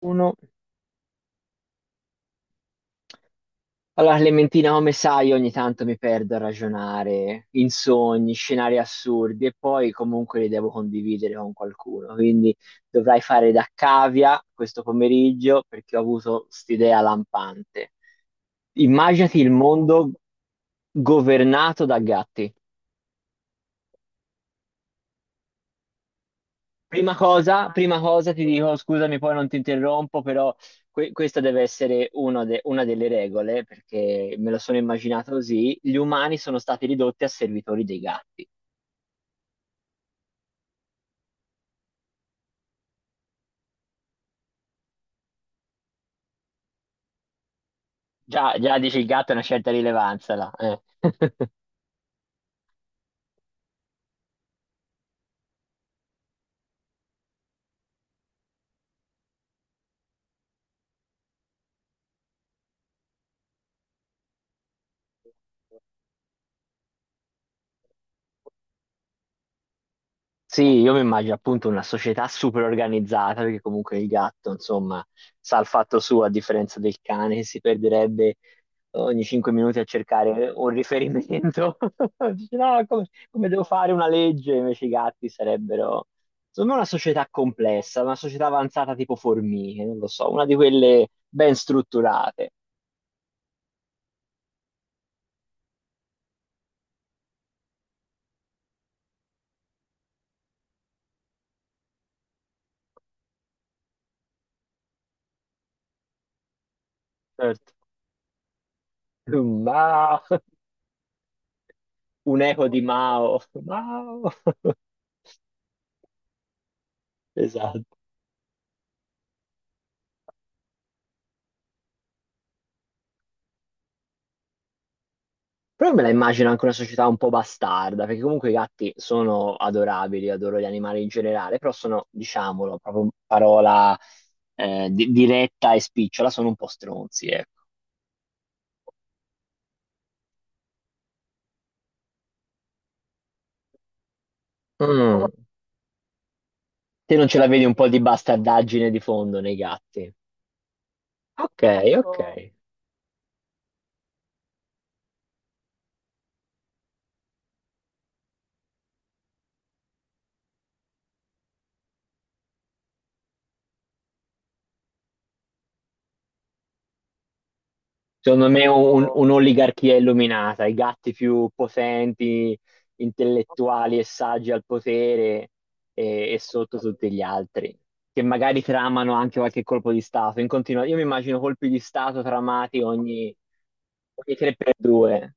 Uno. Allora, Clementina, come sai, ogni tanto mi perdo a ragionare in sogni, scenari assurdi e poi comunque li devo condividere con qualcuno. Quindi dovrai fare da cavia questo pomeriggio perché ho avuto st'idea lampante. Immaginati il mondo governato da gatti. Prima cosa ti dico, scusami, poi non ti interrompo, però questa deve essere una delle regole, perché me lo sono immaginato così, gli umani sono stati ridotti a servitori dei gatti. Già, già dici il gatto ha una certa rilevanza là. Eh. Sì, io mi immagino appunto una società super organizzata, perché comunque il gatto, insomma, sa il fatto suo, a differenza del cane che si perderebbe ogni 5 minuti a cercare un riferimento. Dice, no, come devo fare una legge? Invece i gatti sarebbero, insomma, una società complessa, una società avanzata tipo formiche, non lo so, una di quelle ben strutturate. Certo. Mao, un eco di Mao. Mao. Esatto. Però me la immagino anche una società un po' bastarda, perché comunque i gatti sono adorabili, adoro gli animali in generale, però sono, diciamolo, proprio in parola diretta e spicciola, sono un po' stronzi, ecco. Mm. Te non ce la vedi un po' di bastardaggine di fondo nei gatti? Ok, ok. Secondo me un'oligarchia illuminata, i gatti più potenti, intellettuali e saggi al potere e sotto tutti gli altri, che magari tramano anche qualche colpo di Stato. Io mi immagino colpi di Stato tramati ogni, 3x2.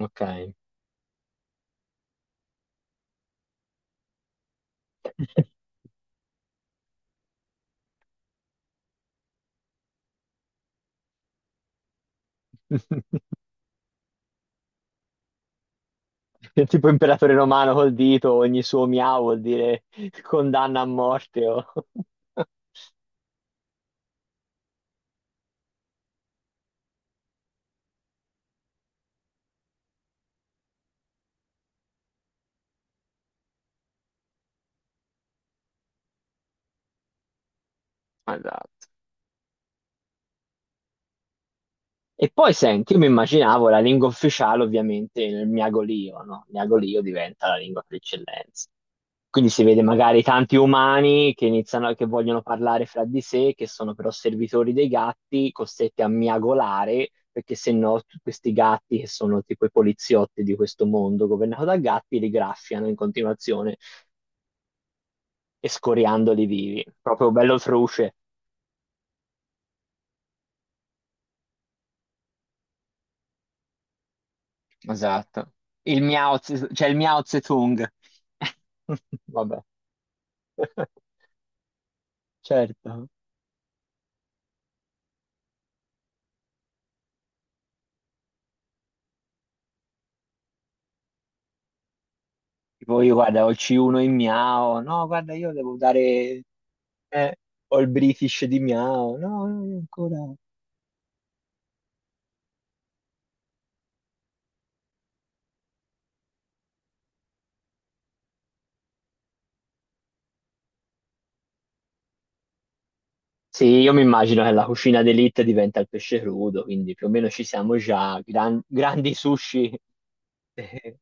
Ok. È tipo imperatore romano col dito, ogni suo miau vuol dire condanna a morte. O- Esatto. E poi senti, io mi immaginavo la lingua ufficiale ovviamente il miagolio, no? Il miagolio diventa la lingua per eccellenza. Quindi si vede magari tanti umani che iniziano, che vogliono parlare fra di sé, che sono però servitori dei gatti, costretti a miagolare, perché se no questi gatti, che sono tipo i poliziotti di questo mondo governato da gatti, li graffiano in continuazione, escoriandoli vivi. Proprio bello truce. Esatto. Il miao, cioè il miao Tse Tung. Vabbè. Certo. Tipo io guarda, ho il C1 in Miao, no, guarda, io devo dare, eh, ho il British di Miao, no, no, io ancora. Sì, io mi immagino che la cucina d'élite diventa il pesce crudo, quindi più o meno ci siamo già, grandi sushi eh,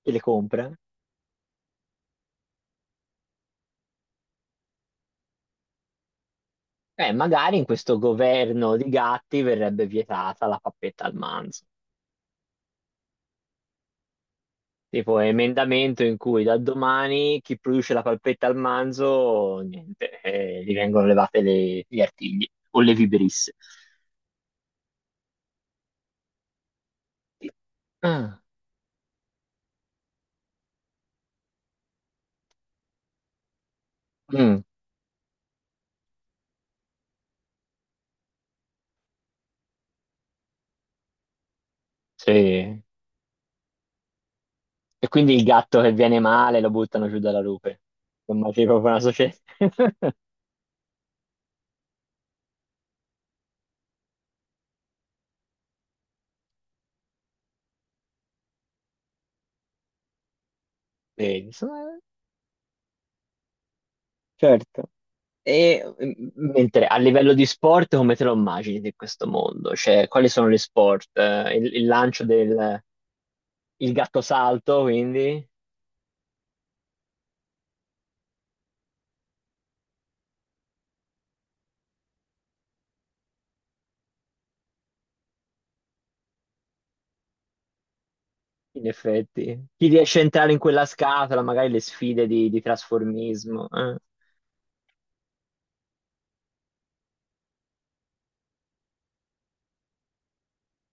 che le compra. Magari in questo governo di gatti verrebbe vietata la pappetta al manzo. Tipo emendamento in cui da domani chi produce la palpetta al manzo, niente, gli vengono levate gli artigli o le vibrisse. Ah, mm, sì. E quindi il gatto che viene male lo buttano giù dalla rupe. Insomma, c'è proprio una società. Sì, insomma, certo. E mm, mentre a livello di sport, come te lo immagini di questo mondo? Cioè, quali sono gli sport? Il lancio del il gatto salto, quindi? In effetti, chi riesce a entrare in quella scatola, magari le sfide di, trasformismo. Eh.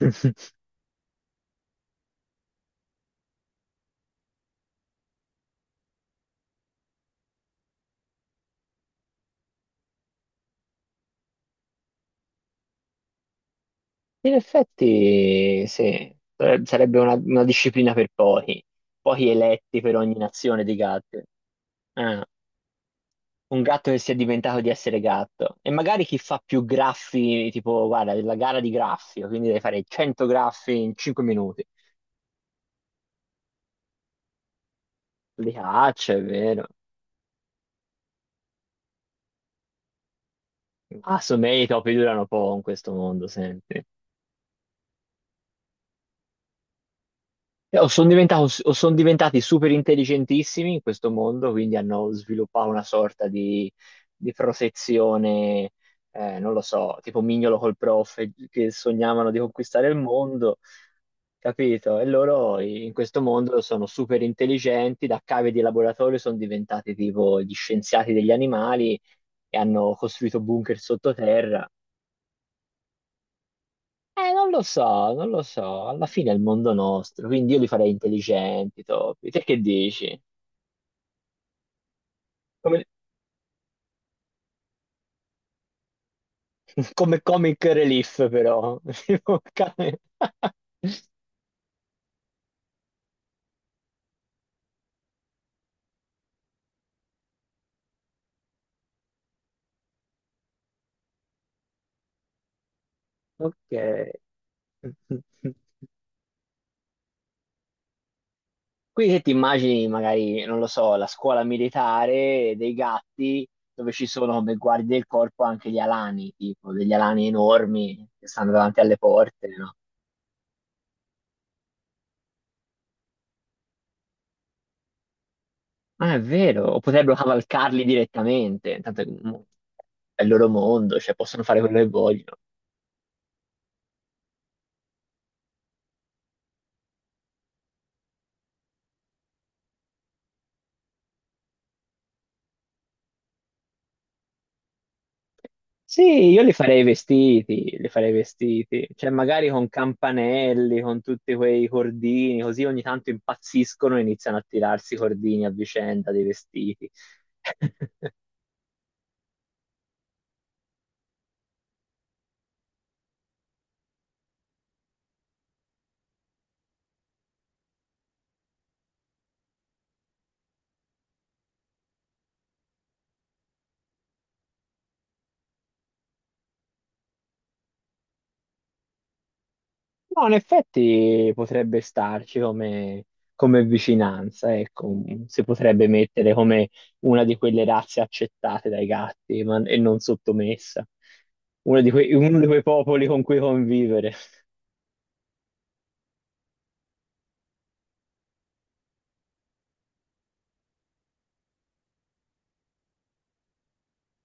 In effetti, sì, sarebbe una, disciplina per pochi, pochi eletti per ogni nazione di gatti. Eh, un gatto che sia diventato di essere gatto. E magari chi fa più graffi, tipo, guarda, la gara di graffio, quindi devi fare 100 graffi in 5 minuti. Li caccia, è vero. Ma insomma, i topi durano poco in questo mondo, senti. O son diventati super intelligentissimi in questo mondo, quindi hanno sviluppato una sorta di protezione, non lo so, tipo Mignolo col prof, che sognavano di conquistare il mondo, capito? E loro in questo mondo sono super intelligenti, da cave di laboratorio sono diventati tipo gli scienziati degli animali e hanno costruito bunker sottoterra. Non lo so, non lo so, alla fine è il mondo nostro, quindi io li farei intelligenti, topi. Te che dici? Come, comic relief, però. Ok. Quindi se ti immagini magari, non lo so, la scuola militare dei gatti dove ci sono come guardie del corpo anche gli alani, tipo degli alani enormi che stanno davanti alle porte, no? Ma è vero, o potrebbero cavalcarli direttamente, tanto è il loro mondo, cioè possono fare quello che vogliono. Sì, io li farei vestiti, cioè magari con campanelli, con tutti quei cordini, così ogni tanto impazziscono e iniziano a tirarsi i cordini a vicenda dei vestiti. No, in effetti potrebbe starci come, vicinanza, ecco, si potrebbe mettere come una di quelle razze accettate dai gatti e non sottomessa, uno di quei, popoli con cui convivere.